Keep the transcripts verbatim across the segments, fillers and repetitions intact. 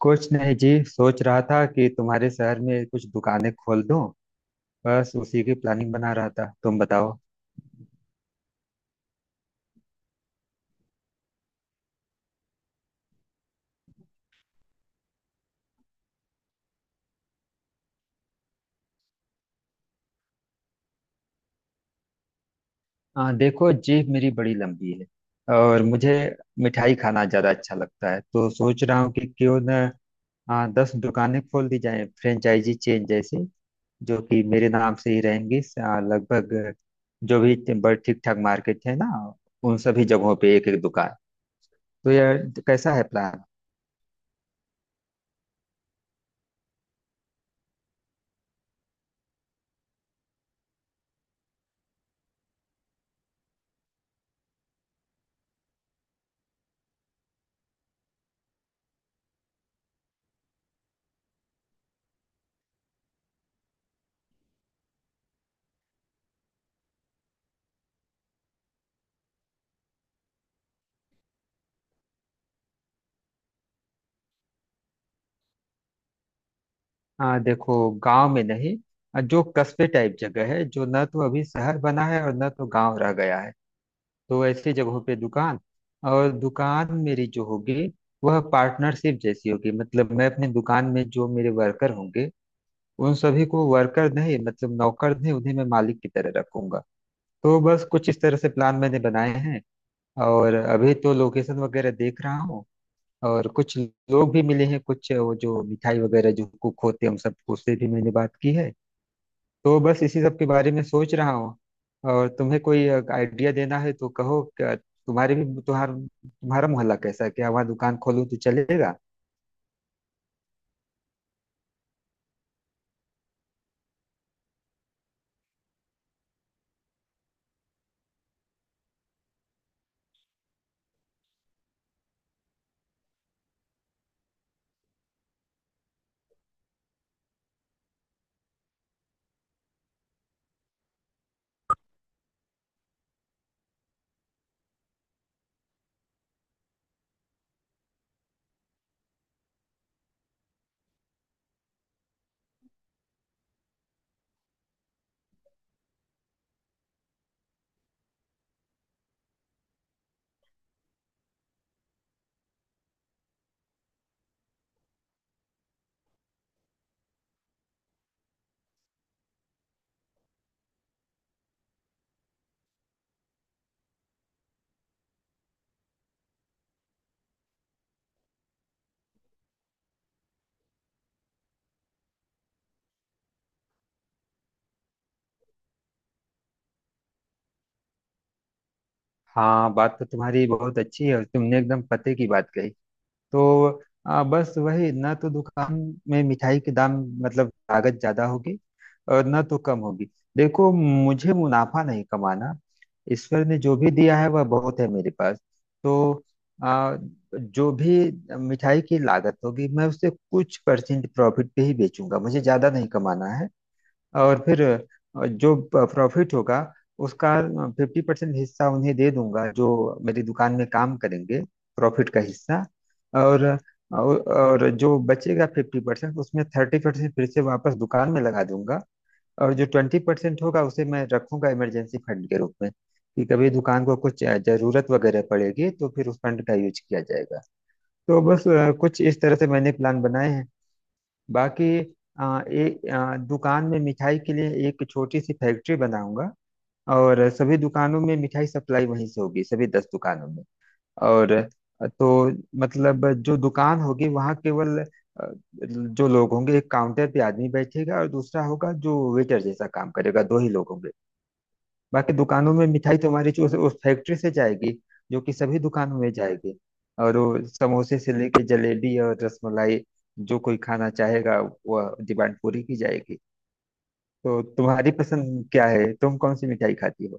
कुछ नहीं जी। सोच रहा था कि तुम्हारे शहर में कुछ दुकानें खोल दूं। बस उसी की प्लानिंग बना रहा था, तुम बताओ। आ, देखो, जेब मेरी बड़ी लंबी है और मुझे मिठाई खाना ज्यादा अच्छा लगता है। तो सोच रहा हूँ कि क्यों न आ, दस दुकानें खोल दी जाएं, फ्रेंचाइजी चेन जैसी, जो कि मेरे नाम से ही रहेंगी। आ, लगभग जो भी बड़े ठीक ठाक मार्केट है ना, उन सभी जगहों पे एक एक दुकान। तो यह कैसा है प्लान? हाँ, देखो, गांव में नहीं। जो कस्बे टाइप जगह है, जो ना तो अभी शहर बना है और ना तो गांव रह गया है, तो ऐसी जगहों पे दुकान। और दुकान मेरी जो होगी, वह पार्टनरशिप जैसी होगी। मतलब मैं अपने दुकान में जो मेरे वर्कर होंगे, उन सभी को वर्कर नहीं, मतलब नौकर नहीं, उन्हें मैं मालिक की तरह रखूंगा। तो बस कुछ इस तरह से प्लान मैंने बनाए हैं। और अभी तो लोकेशन वगैरह देख रहा हूँ। और कुछ लोग भी मिले हैं, कुछ वो जो मिठाई वगैरह जो कुक होते हैं, उन सबको उससे भी मैंने बात की है। तो बस इसी सब के बारे में सोच रहा हूँ। और तुम्हें कोई आइडिया देना है तो कहो। क्या तुम्हारे भी तुम्हारा तुम्हारा मोहल्ला कैसा है? क्या वहाँ दुकान खोलूँ तो चलेगा? हाँ, बात तो तुम्हारी बहुत अच्छी है और तुमने एकदम पते की बात कही। तो आ, बस वही, ना तो दुकान में मिठाई के दाम, मतलब लागत ज्यादा होगी और ना तो कम होगी। देखो, मुझे मुनाफा नहीं कमाना। ईश्वर ने जो भी दिया है वह बहुत है मेरे पास। तो आ, जो भी मिठाई की लागत होगी, मैं उससे कुछ परसेंट प्रॉफिट पे ही बेचूंगा, मुझे ज्यादा नहीं कमाना है। और फिर अ, जो प्रॉफिट होगा उसका फिफ्टी परसेंट हिस्सा उन्हें दे दूंगा जो मेरी दुकान में काम करेंगे। प्रॉफिट का हिस्सा। और और और जो बचेगा फिफ्टी परसेंट, उसमें थर्टी परसेंट फिर से वापस दुकान में लगा दूंगा। और जो ट्वेंटी परसेंट होगा उसे मैं रखूंगा इमरजेंसी फंड के रूप में कि कभी दुकान को कुछ जरूरत वगैरह पड़ेगी तो फिर उस फंड का यूज किया जाएगा। तो बस अ, कुछ इस तरह से मैंने प्लान बनाए हैं। बाकी आ, ए, आ, दुकान में मिठाई के लिए एक छोटी सी फैक्ट्री बनाऊंगा और सभी दुकानों में मिठाई सप्लाई वहीं से होगी, सभी दस दुकानों में। और अ, तो मतलब जो दुकान होगी वहाँ केवल अ, जो लोग होंगे, एक काउंटर पे आदमी बैठेगा और दूसरा होगा जो वेटर जैसा काम करेगा, दो ही लोग होंगे। बाकी दुकानों में मिठाई तुम्हारी जो उस, उस फैक्ट्री से जाएगी, जो कि सभी दुकानों में जाएगी। और वो समोसे से लेके जलेबी और रसमलाई, जो कोई खाना चाहेगा, वह डिमांड पूरी की जाएगी। तो तुम्हारी पसंद क्या है? तुम कौन सी मिठाई खाती हो?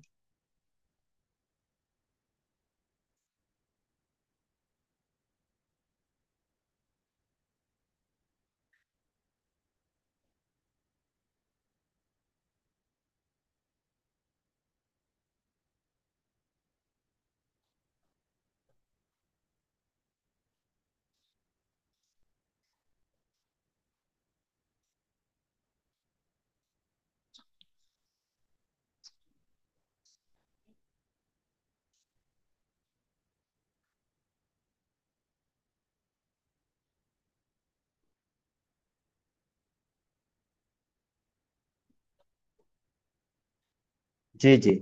जी जी।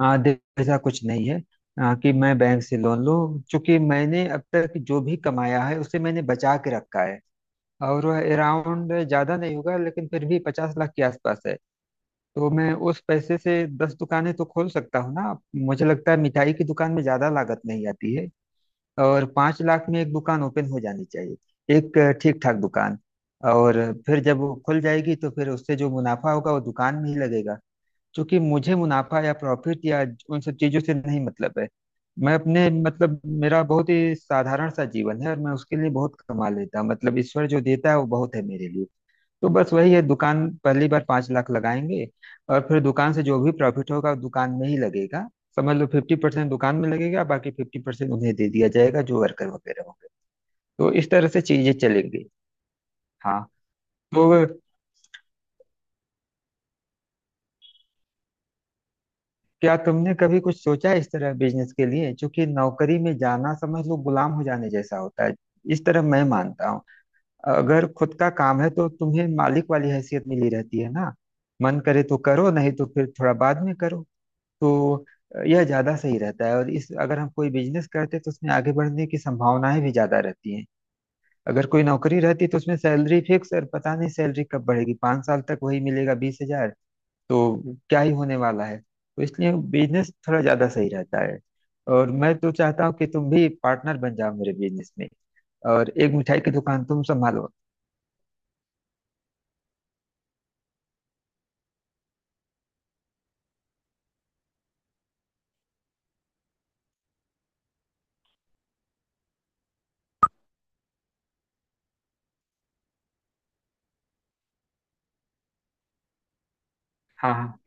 आ, देख, ऐसा कुछ नहीं है आ, कि मैं बैंक से लोन लूं, क्योंकि मैंने अब तक जो भी कमाया है उसे मैंने बचा के रखा है। और वह अराउंड ज्यादा नहीं होगा लेकिन फिर भी पचास लाख के आसपास है। तो मैं उस पैसे से दस दुकानें तो खोल सकता हूँ ना। मुझे लगता है मिठाई की दुकान में ज्यादा लागत नहीं आती है। और पांच लाख में एक दुकान ओपन हो जानी चाहिए, एक ठीक ठाक दुकान। और फिर जब वो खुल जाएगी तो फिर उससे जो मुनाफा होगा वो दुकान में ही लगेगा। क्योंकि मुझे मुनाफा या प्रॉफिट या उन सब चीजों से नहीं मतलब है। मैं अपने मतलब मेरा बहुत ही साधारण सा जीवन है और मैं उसके लिए बहुत कमा लेता हूँ। मतलब ईश्वर जो देता है वो बहुत है मेरे लिए। तो बस वही है, दुकान पहली बार पांच लाख लगाएंगे। और फिर दुकान से जो भी प्रॉफिट होगा वो दुकान में ही लगेगा। समझ लो फिफ्टी परसेंट दुकान में लगेगा, बाकी फिफ्टी परसेंट उन्हें दे दिया जाएगा जो वर्कर वगैरह होंगे। तो इस तरह से चीजें चलेंगी। हाँ। तो क्या तुमने कभी कुछ सोचा है इस तरह बिजनेस के लिए? क्योंकि नौकरी में जाना समझ लो गुलाम हो जाने जैसा होता है, इस तरह मैं मानता हूँ। अगर खुद का काम है तो तुम्हें मालिक वाली हैसियत मिली रहती है ना। मन करे तो करो, नहीं तो फिर थोड़ा बाद में करो। तो यह ज्यादा सही रहता है। और इस अगर हम कोई बिजनेस करते हैं तो उसमें आगे बढ़ने की संभावनाएं भी ज्यादा रहती हैं। अगर कोई नौकरी रहती तो उसमें सैलरी फिक्स और पता नहीं सैलरी कब बढ़ेगी, पाँच साल तक वही मिलेगा बीस हजार। तो क्या ही होने वाला है? तो इसलिए बिजनेस थोड़ा ज्यादा सही रहता है। और मैं तो चाहता हूँ कि तुम भी पार्टनर बन जाओ मेरे बिजनेस में, और एक मिठाई की दुकान तुम संभालो। हाँ,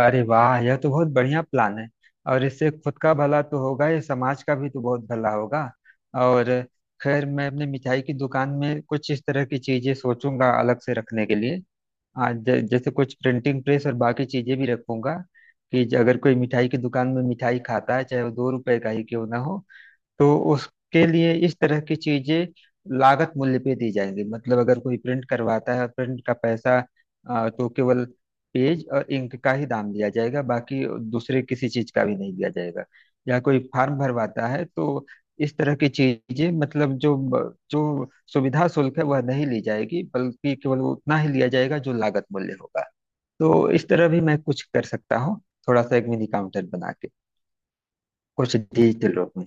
अरे वाह, यह तो बहुत बढ़िया प्लान है। और इससे खुद का भला तो होगा ही, समाज का भी तो बहुत भला होगा। और खैर मैं अपने मिठाई की दुकान में कुछ इस तरह की चीजें सोचूंगा अलग से रखने के लिए। आज ज- जैसे कुछ प्रिंटिंग प्रेस और बाकी चीजें भी रखूंगा। कि ज- अगर कोई मिठाई की दुकान में मिठाई खाता है, चाहे वो दो रुपए का ही क्यों ना हो, तो उसके लिए इस तरह की चीजें लागत मूल्य पे दी जाएंगी। मतलब अगर कोई प्रिंट करवाता है, प्रिंट का पैसा अ, तो केवल पेज और इंक का ही दाम दिया जाएगा, बाकी दूसरे किसी चीज का भी नहीं दिया जाएगा। या कोई फॉर्म भरवाता है तो इस तरह की चीजें, मतलब जो जो सुविधा शुल्क है वह नहीं ली जाएगी, बल्कि केवल उतना ही लिया जाएगा जो लागत मूल्य होगा। तो इस तरह भी मैं कुछ कर सकता हूँ, थोड़ा सा एक मिनी काउंटर बना के, कुछ डिजिटल रूप में।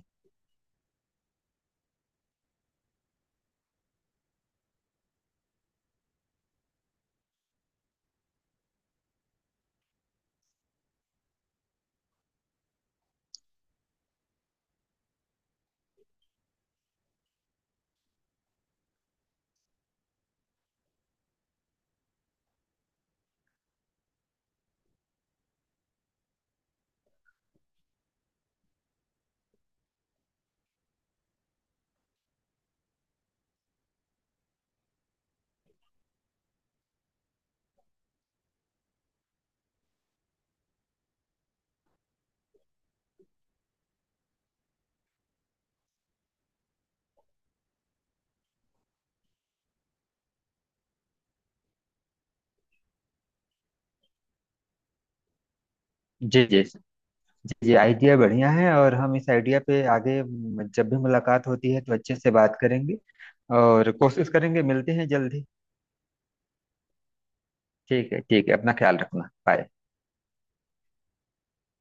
जी जी। जी जी, आइडिया बढ़िया है। और हम इस आइडिया पे आगे म, जब भी मुलाकात होती है तो अच्छे से बात करेंगे। और कोशिश करेंगे, मिलते हैं जल्दी। ठीक है ठीक है, अपना ख्याल रखना, बाय।